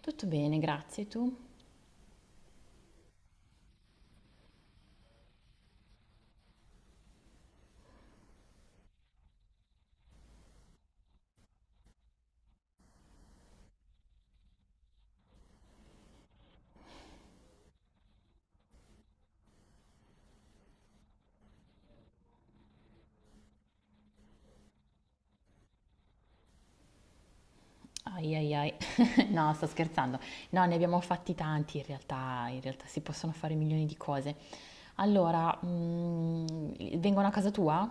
Tutto bene, grazie. Tu? Ai ai ai. No, sto scherzando. No, ne abbiamo fatti tanti in realtà si possono fare milioni di cose. Allora, vengono a casa tua?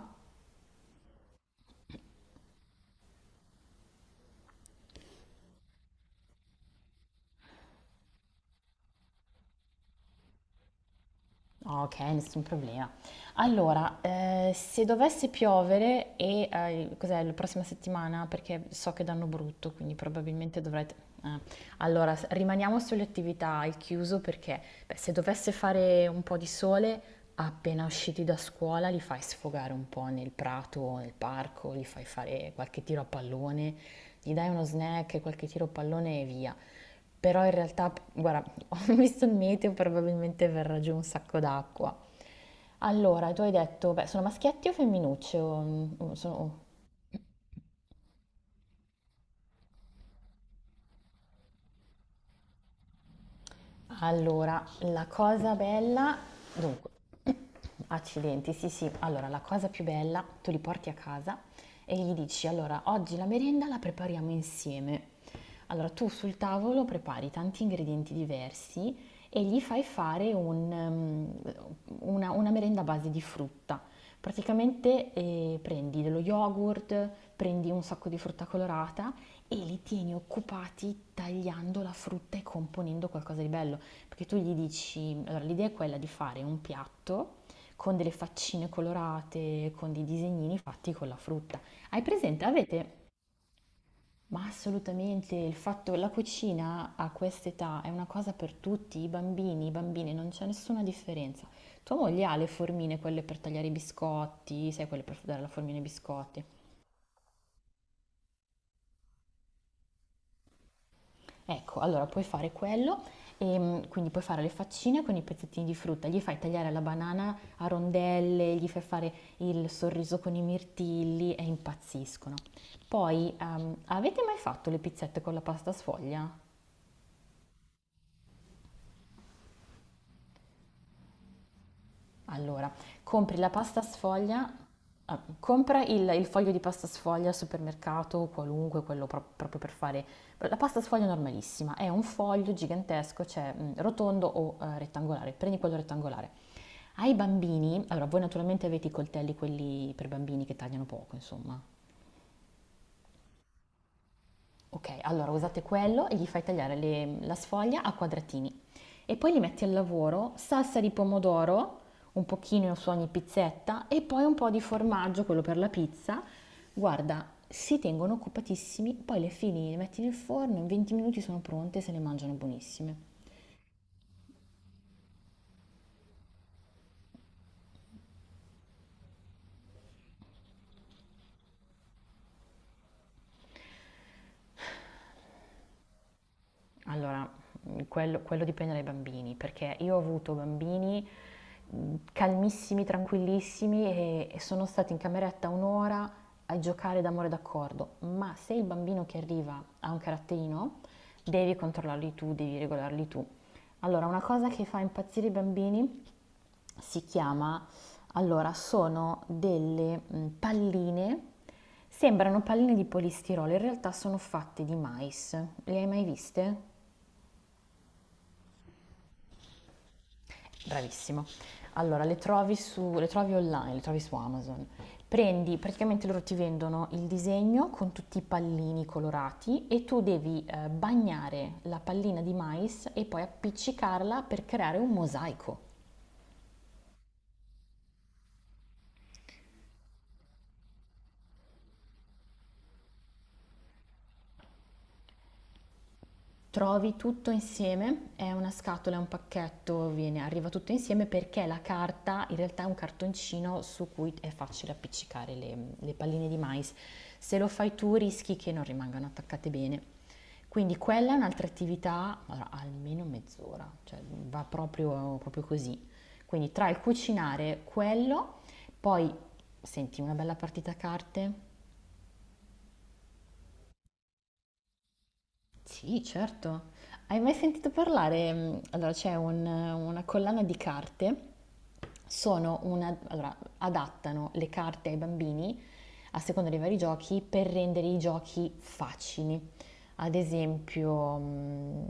Ok, nessun problema. Allora, se dovesse piovere e cos'è, la prossima settimana, perché so che danno brutto, quindi probabilmente dovrete... eh. Allora, rimaniamo sulle attività al chiuso perché beh, se dovesse fare un po' di sole, appena usciti da scuola li fai sfogare un po' nel prato o nel parco, li fai fare qualche tiro a pallone, gli dai uno snack, qualche tiro a pallone e via. Però in realtà, guarda, ho visto il meteo, probabilmente verrà giù un sacco d'acqua. Allora, tu hai detto, beh, sono maschietti o femminucce? O, mm, o sono- oh, Allora, la cosa bella, dunque, accidenti, sì sì, allora la cosa più bella, tu li porti a casa e gli dici, allora, oggi la merenda la prepariamo insieme. Allora, tu sul tavolo prepari tanti ingredienti diversi e gli fai fare una merenda a base di frutta. Praticamente prendi dello yogurt, prendi un sacco di frutta colorata e li tieni occupati tagliando la frutta e componendo qualcosa di bello. Perché tu gli dici, allora l'idea è quella di fare un piatto con delle faccine colorate, con dei disegnini fatti con la frutta. Hai presente? Avete? Ma assolutamente, il fatto, che la cucina a quest'età è una cosa per tutti, i bambini, non c'è nessuna differenza. Tua moglie ha le formine, quelle per tagliare i biscotti, sai, quelle per dare la formina ai biscotti. Ecco, allora puoi fare quello, quindi puoi fare le faccine con i pezzettini di frutta, gli fai tagliare la banana a rondelle, gli fai fare il sorriso con i mirtilli e impazziscono. Poi, avete mai fatto le pizzette con la pasta sfoglia? Allora, compri la pasta sfoglia, ah, compra il foglio di pasta sfoglia al supermercato, qualunque, quello proprio per fare... La pasta sfoglia è normalissima, è un foglio gigantesco, cioè rotondo o rettangolare, prendi quello rettangolare. Ai bambini, allora voi naturalmente avete i coltelli, quelli per bambini che tagliano poco, insomma, ok, allora usate quello e gli fai tagliare la sfoglia a quadratini e poi li metti al lavoro, salsa di pomodoro, un pochino su ogni pizzetta e poi un po' di formaggio, quello per la pizza. Guarda, si tengono occupatissimi, poi le fili le metti nel forno, in 20 minuti sono pronte e se le mangiano buonissime. Allora, quello dipende dai bambini, perché io ho avuto bambini calmissimi, tranquillissimi e sono stati in cameretta un'ora a giocare d'amore d'accordo, ma se il bambino che arriva ha un caratterino, devi controllarli tu, devi regolarli tu. Allora, una cosa che fa impazzire i bambini si chiama, allora, sono delle palline, sembrano palline di polistirolo, in realtà sono fatte di mais. Le hai mai viste? Bravissimo. Allora, le trovi online, le trovi su Amazon. Prendi, praticamente loro ti vendono il disegno con tutti i pallini colorati e tu devi bagnare la pallina di mais e poi appiccicarla per creare un mosaico. Trovi tutto insieme, è una scatola, è un pacchetto, arriva tutto insieme perché la carta in realtà è un cartoncino su cui è facile appiccicare le palline di mais. Se lo fai tu rischi che non rimangano attaccate bene. Quindi quella è un'altra attività, allora, almeno mezz'ora, cioè va proprio, proprio così. Quindi tra il cucinare quello, poi senti una bella partita a carte, sì, certo. Hai mai sentito parlare? Allora, c'è una collana di carte, sono una, allora, adattano le carte ai bambini a seconda dei vari giochi per rendere i giochi facili. Ad esempio,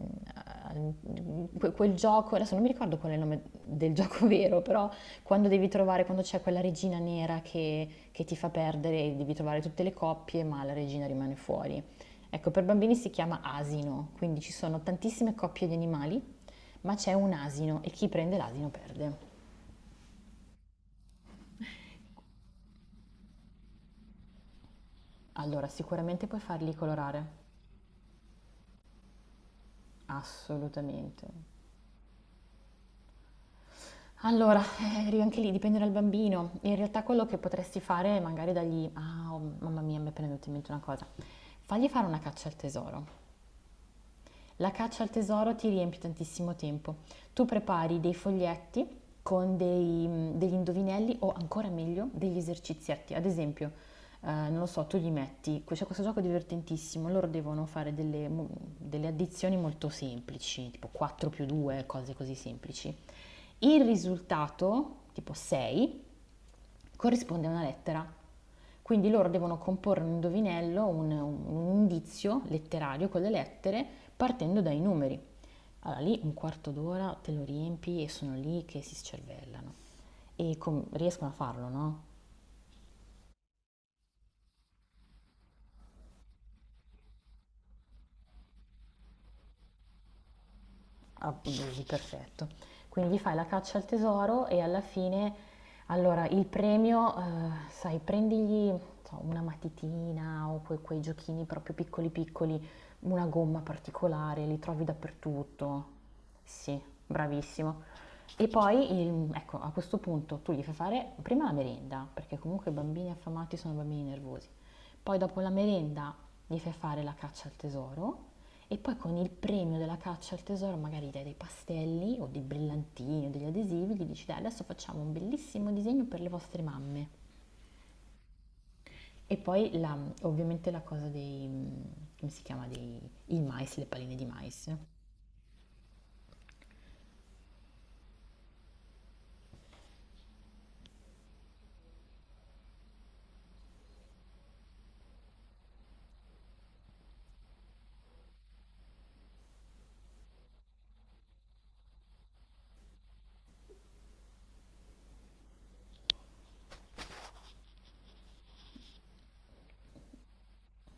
eh, quel gioco, adesso non mi ricordo qual è il nome del gioco vero, però quando devi trovare, quando c'è quella regina nera che ti fa perdere, devi trovare tutte le coppie, ma la regina rimane fuori. Ecco, per bambini si chiama asino, quindi ci sono tantissime coppie di animali, ma c'è un asino e chi prende l'asino perde. Allora, sicuramente puoi farli colorare, assolutamente. Allora, anche lì dipende dal bambino. In realtà quello che potresti fare è magari dargli... Ah, oh, mamma mia, mi è appena venuta in mente una cosa. Fagli fare una caccia al tesoro. La caccia al tesoro ti riempie tantissimo tempo. Tu prepari dei foglietti con degli indovinelli o ancora meglio degli esercizietti. Ad esempio, non lo so, tu gli metti, c'è questo gioco divertentissimo, loro devono fare delle addizioni molto semplici, tipo 4 più 2, cose così semplici. Il risultato, tipo 6, corrisponde a una lettera. Quindi loro devono comporre un indovinello, un indizio letterario con le lettere partendo dai numeri. Allora lì un quarto d'ora te lo riempi e sono lì che si scervellano e riescono a farlo, no? Abusi, perfetto. Quindi fai la caccia al tesoro e alla fine, allora, il premio, sai, prendigli non so, una matitina o quei giochini proprio piccoli piccoli, una gomma particolare, li trovi dappertutto. Sì, bravissimo. E poi, ecco, a questo punto tu gli fai fare prima la merenda, perché comunque i bambini affamati sono bambini nervosi. Poi dopo la merenda gli fai fare la caccia al tesoro e poi con il premio della caccia al tesoro magari dai dei pastelli o dei brillantini o degli adesivi, gli dici dai adesso facciamo un bellissimo disegno per le vostre mamme. E poi ovviamente la cosa dei, come si chiama, dei, il mais, le palline di mais.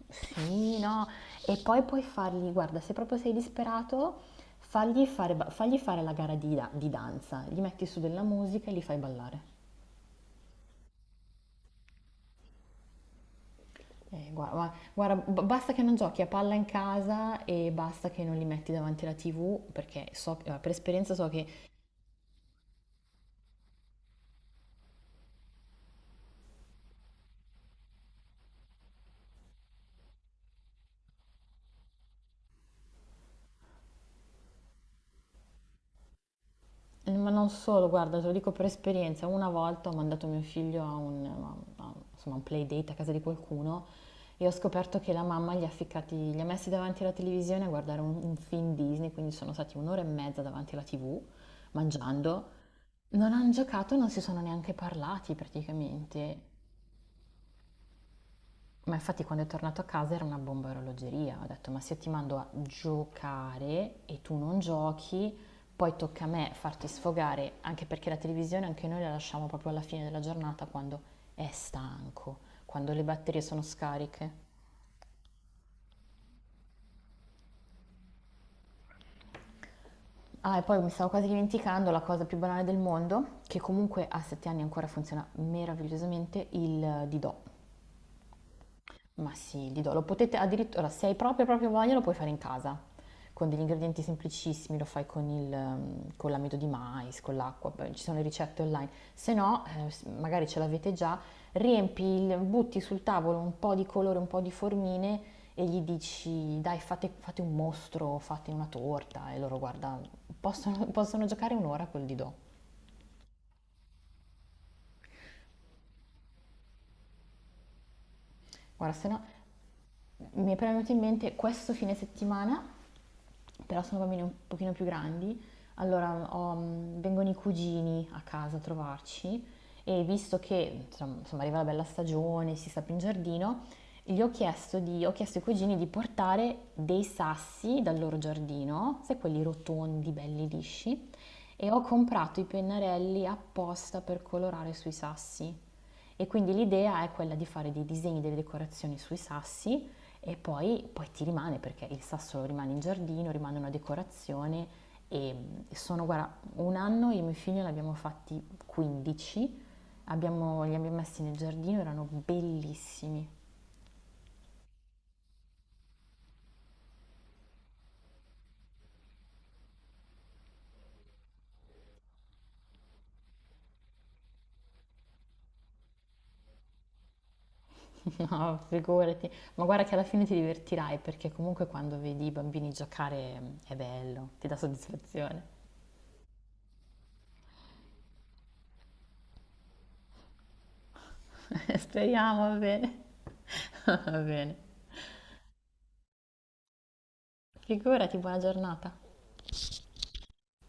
Sì, no, e poi puoi fargli, guarda, se proprio sei disperato, fagli fare la gara di danza, gli metti su della musica e li fai ballare. Guarda, guarda, basta che non giochi a palla in casa e basta che non li metti davanti alla TV, perché so, per esperienza so che, ma non solo, guarda, te lo dico per esperienza, una volta ho mandato mio figlio a insomma, un playdate a casa di qualcuno e ho scoperto che la mamma gli ha, ficcati, li ha messi davanti alla televisione a guardare un film Disney, quindi sono stati un'ora e mezza davanti alla TV, mangiando, non hanno giocato, non si sono neanche parlati praticamente. Ma infatti quando è tornato a casa era una bomba a orologeria. Ho detto, ma se io ti mando a giocare e tu non giochi, poi tocca a me farti sfogare, anche perché la televisione anche noi la lasciamo proprio alla fine della giornata quando è stanco, quando le batterie sono scariche. Ah, e poi mi stavo quasi dimenticando la cosa più banale del mondo, che comunque a sette anni ancora funziona meravigliosamente, il Didò. Ma sì, Lido, lo potete addirittura, se hai proprio proprio voglia, lo puoi fare in casa, con degli ingredienti semplicissimi, lo fai con con l'amido di mais, con l'acqua, poi ci sono le ricette online. Se no, magari ce l'avete già, riempi, butti sul tavolo un po' di colore, un po' di formine e gli dici, dai, fate, fate un mostro, fate una torta, e loro, guarda, possono giocare un'ora col Lido. Guarda, se no, mi è proprio venuto in mente questo fine settimana però sono bambini un pochino più grandi, allora vengono i cugini a casa a trovarci e visto che insomma, arriva la bella stagione, si sta più in giardino, gli ho chiesto, di- ho chiesto ai cugini di portare dei sassi dal loro giardino, sai quelli rotondi, belli lisci, e ho comprato i pennarelli apposta per colorare sui sassi. E quindi l'idea è quella di fare dei disegni, delle decorazioni sui sassi e poi ti rimane perché il sasso rimane in giardino, rimane una decorazione e sono, guarda, un anno io e mio figlio ne abbiamo fatti 15, abbiamo, li abbiamo messi nel giardino, erano bellissimi. No, figurati, ma guarda che alla fine ti divertirai perché comunque quando vedi i bambini giocare è bello, ti dà soddisfazione. Speriamo, va bene. Va bene. Figurati, buona giornata.